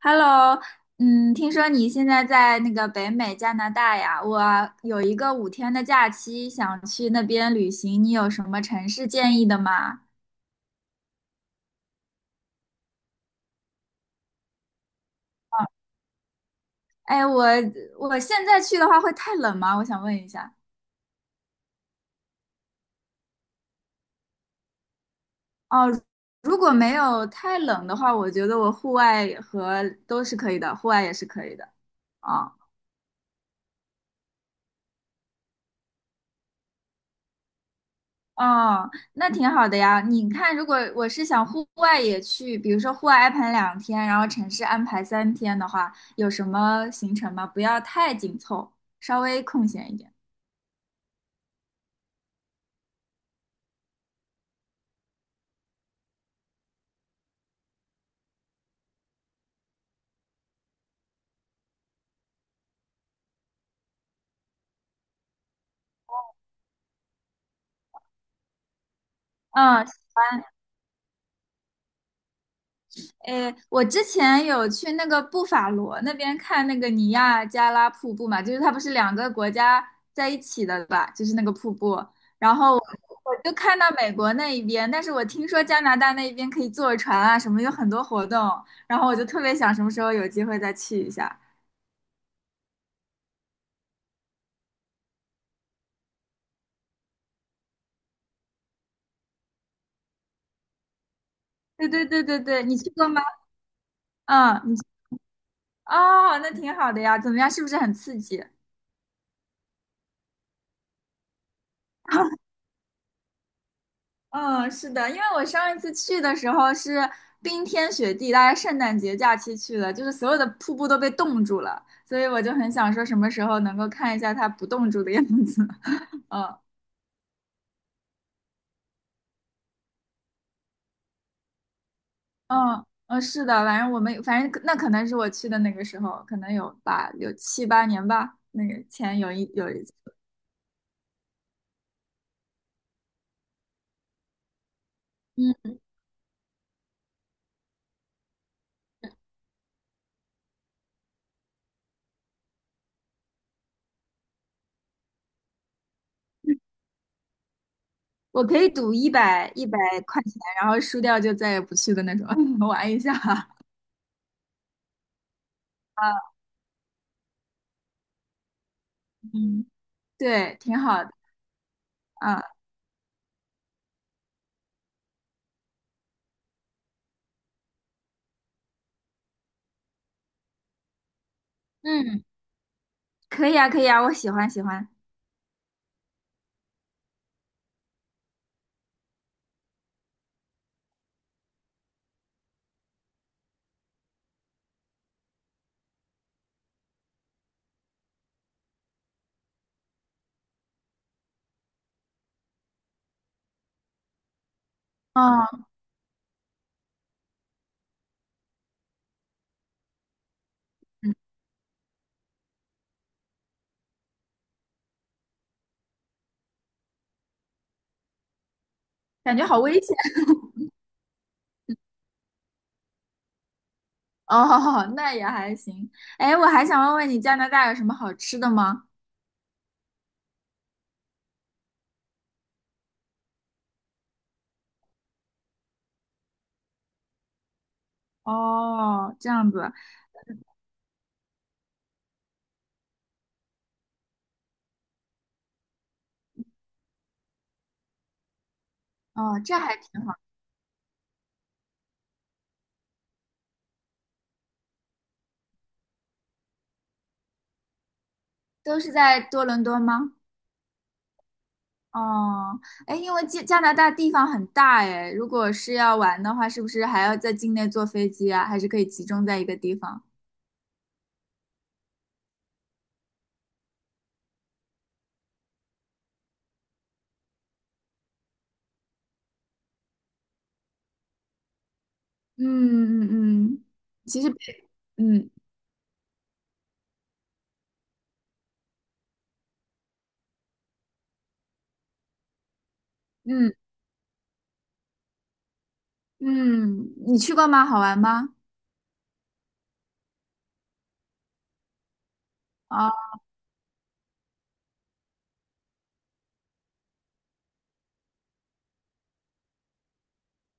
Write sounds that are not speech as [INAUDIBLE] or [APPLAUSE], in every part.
Hello。嗯，听说你现在在那个北美加拿大呀？我有一个五天的假期，想去那边旅行，你有什么城市建议的吗？哎，我现在去的话会太冷吗？我想问一下。哦，如果没有太冷的话，我觉得我户外和都是可以的，户外也是可以的。哦哦，那挺好的呀。你看，如果我是想户外也去，比如说户外安排两天，然后城市安排三天的话，有什么行程吗？不要太紧凑，稍微空闲一点。嗯，诶，我之前有去那个布法罗那边看那个尼亚加拉瀑布嘛，就是它不是两个国家在一起的吧，就是那个瀑布。然后我就看到美国那一边，但是我听说加拿大那一边可以坐船啊，什么有很多活动，然后我就特别想什么时候有机会再去一下。对对对对对，你去过吗？嗯，你去哦，那挺好的呀，怎么样？是不是很刺激？[LAUGHS] 嗯，是的，因为我上一次去的时候是冰天雪地，大家圣诞节假期去的，就是所有的瀑布都被冻住了，所以我就很想说什么时候能够看一下它不冻住的样子。[LAUGHS] 嗯嗯嗯，是的，反正那可能是我去的那个时候，可能有吧，有七八年吧，那个前有一次，嗯，我可以赌一百块钱，然后输掉就再也不去的那种，[LAUGHS] 玩一下。[LAUGHS] 啊嗯，对，挺好的。啊，嗯。可以啊，可以啊，我喜欢。哦，嗯，感觉好危险。 [LAUGHS] 哦，那也还行。哎，我还想问问你，加拿大有什么好吃的吗？哦，这样子。哦，这还挺好。都是在多伦多吗？哦，哎，因为加拿大地方很大，哎，如果是要玩的话，是不是还要在境内坐飞机啊？还是可以集中在一个地方？嗯嗯嗯，其实，嗯嗯嗯嗯你去过吗？好玩吗？啊。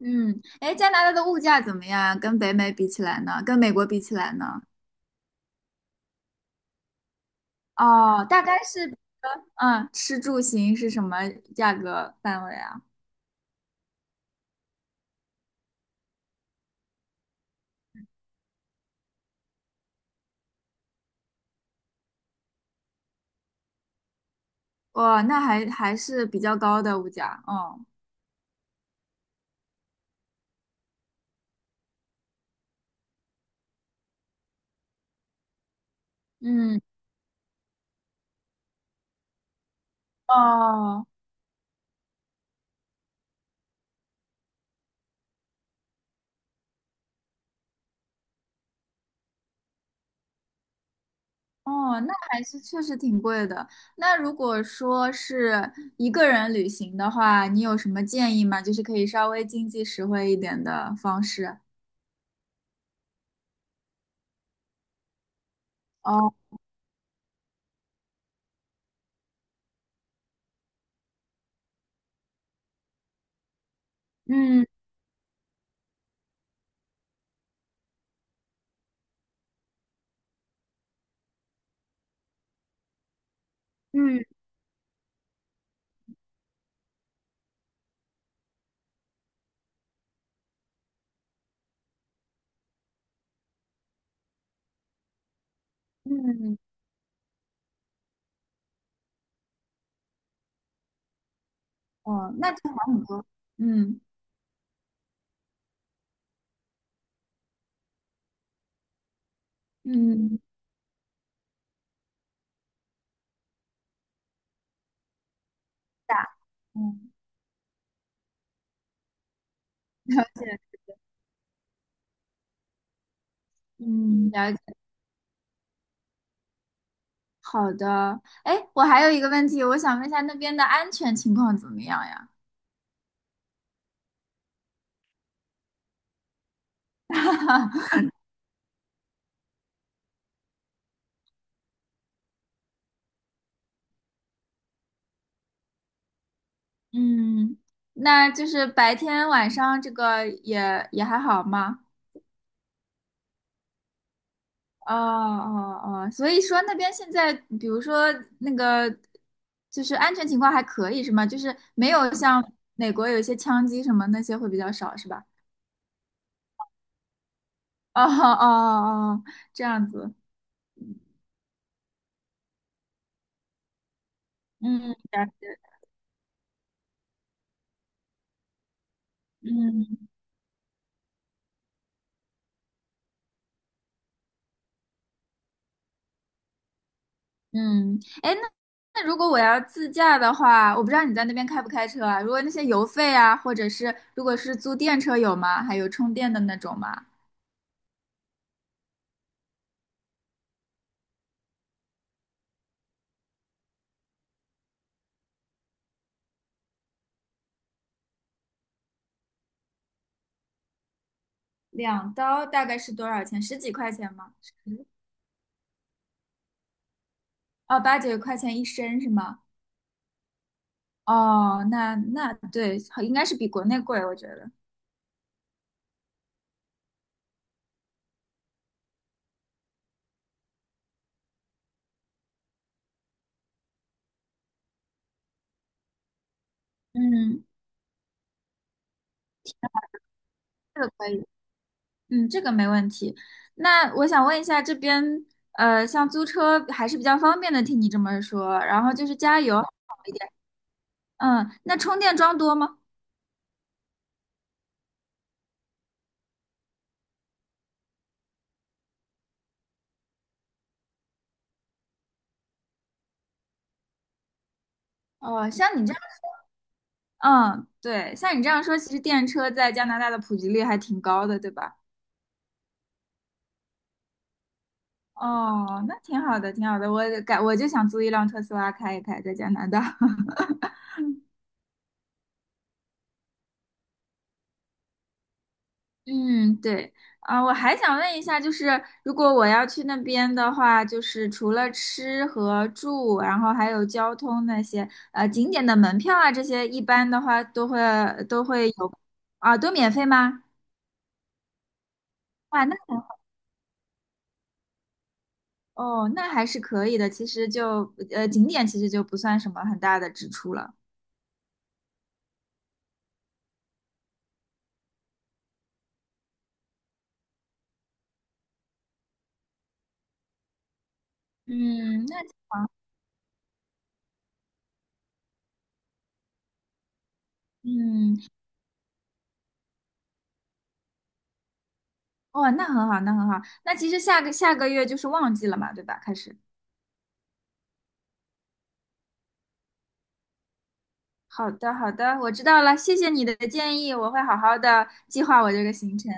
嗯，哎，加拿大的物价怎么样啊跟北美比起来呢？跟美国比起来呢？哦，大概是，嗯，吃住行是什么价格范围啊？哇，那还是比较高的物价，哦，嗯，哦哦，那还是确实挺贵的。那如果说是一个人旅行的话，你有什么建议吗？就是可以稍微经济实惠一点的方式。哦，嗯嗯嗯，嗯哦，那就好很多，嗯。嗯，大嗯 [LAUGHS]，了解，嗯，了解。好的，哎，我还有一个问题，我想问一下那边的安全情况怎么样呀？[LAUGHS] 嗯，那就是白天晚上这个也还好吗？哦哦哦，所以说那边现在，比如说那个，就是安全情况还可以是吗？就是没有像美国有一些枪击什么那些会比较少是吧？哦哦哦，哦这样子，嗯，了解，嗯。嗯，哎，那如果我要自驾的话，我不知道你在那边开不开车啊？如果那些油费啊，或者是如果是租电车有吗？还有充电的那种吗？两刀大概是多少钱？十几块钱吗？哦，八九块钱一升是吗？哦，那对，好应该是比国内贵，我觉得。嗯，这个可以，嗯，这个没问题。那我想问一下，这边像租车还是比较方便的，听你这么说，然后就是加油。好一点。嗯，那充电桩多吗？哦，像你这样，嗯，对，像你这样说，其实电车在加拿大的普及率还挺高的，对吧？哦，那挺好的，挺好的。我改，我就想租一辆特斯拉开一开，在加拿大。[LAUGHS] 嗯，对，啊，我还想问一下，就是如果我要去那边的话，就是除了吃和住，然后还有交通那些，景点的门票啊，这些一般的话都会都会有，啊，都免费吗？哇，那哦，那还是可以的。其实就景点其实就不算什么很大的支出了。嗯，那嗯，哦，那很好，那很好。那其实下个月就是旺季了嘛，对吧？开始。好的，好的，我知道了，谢谢你的建议，我会好好的计划我这个行程。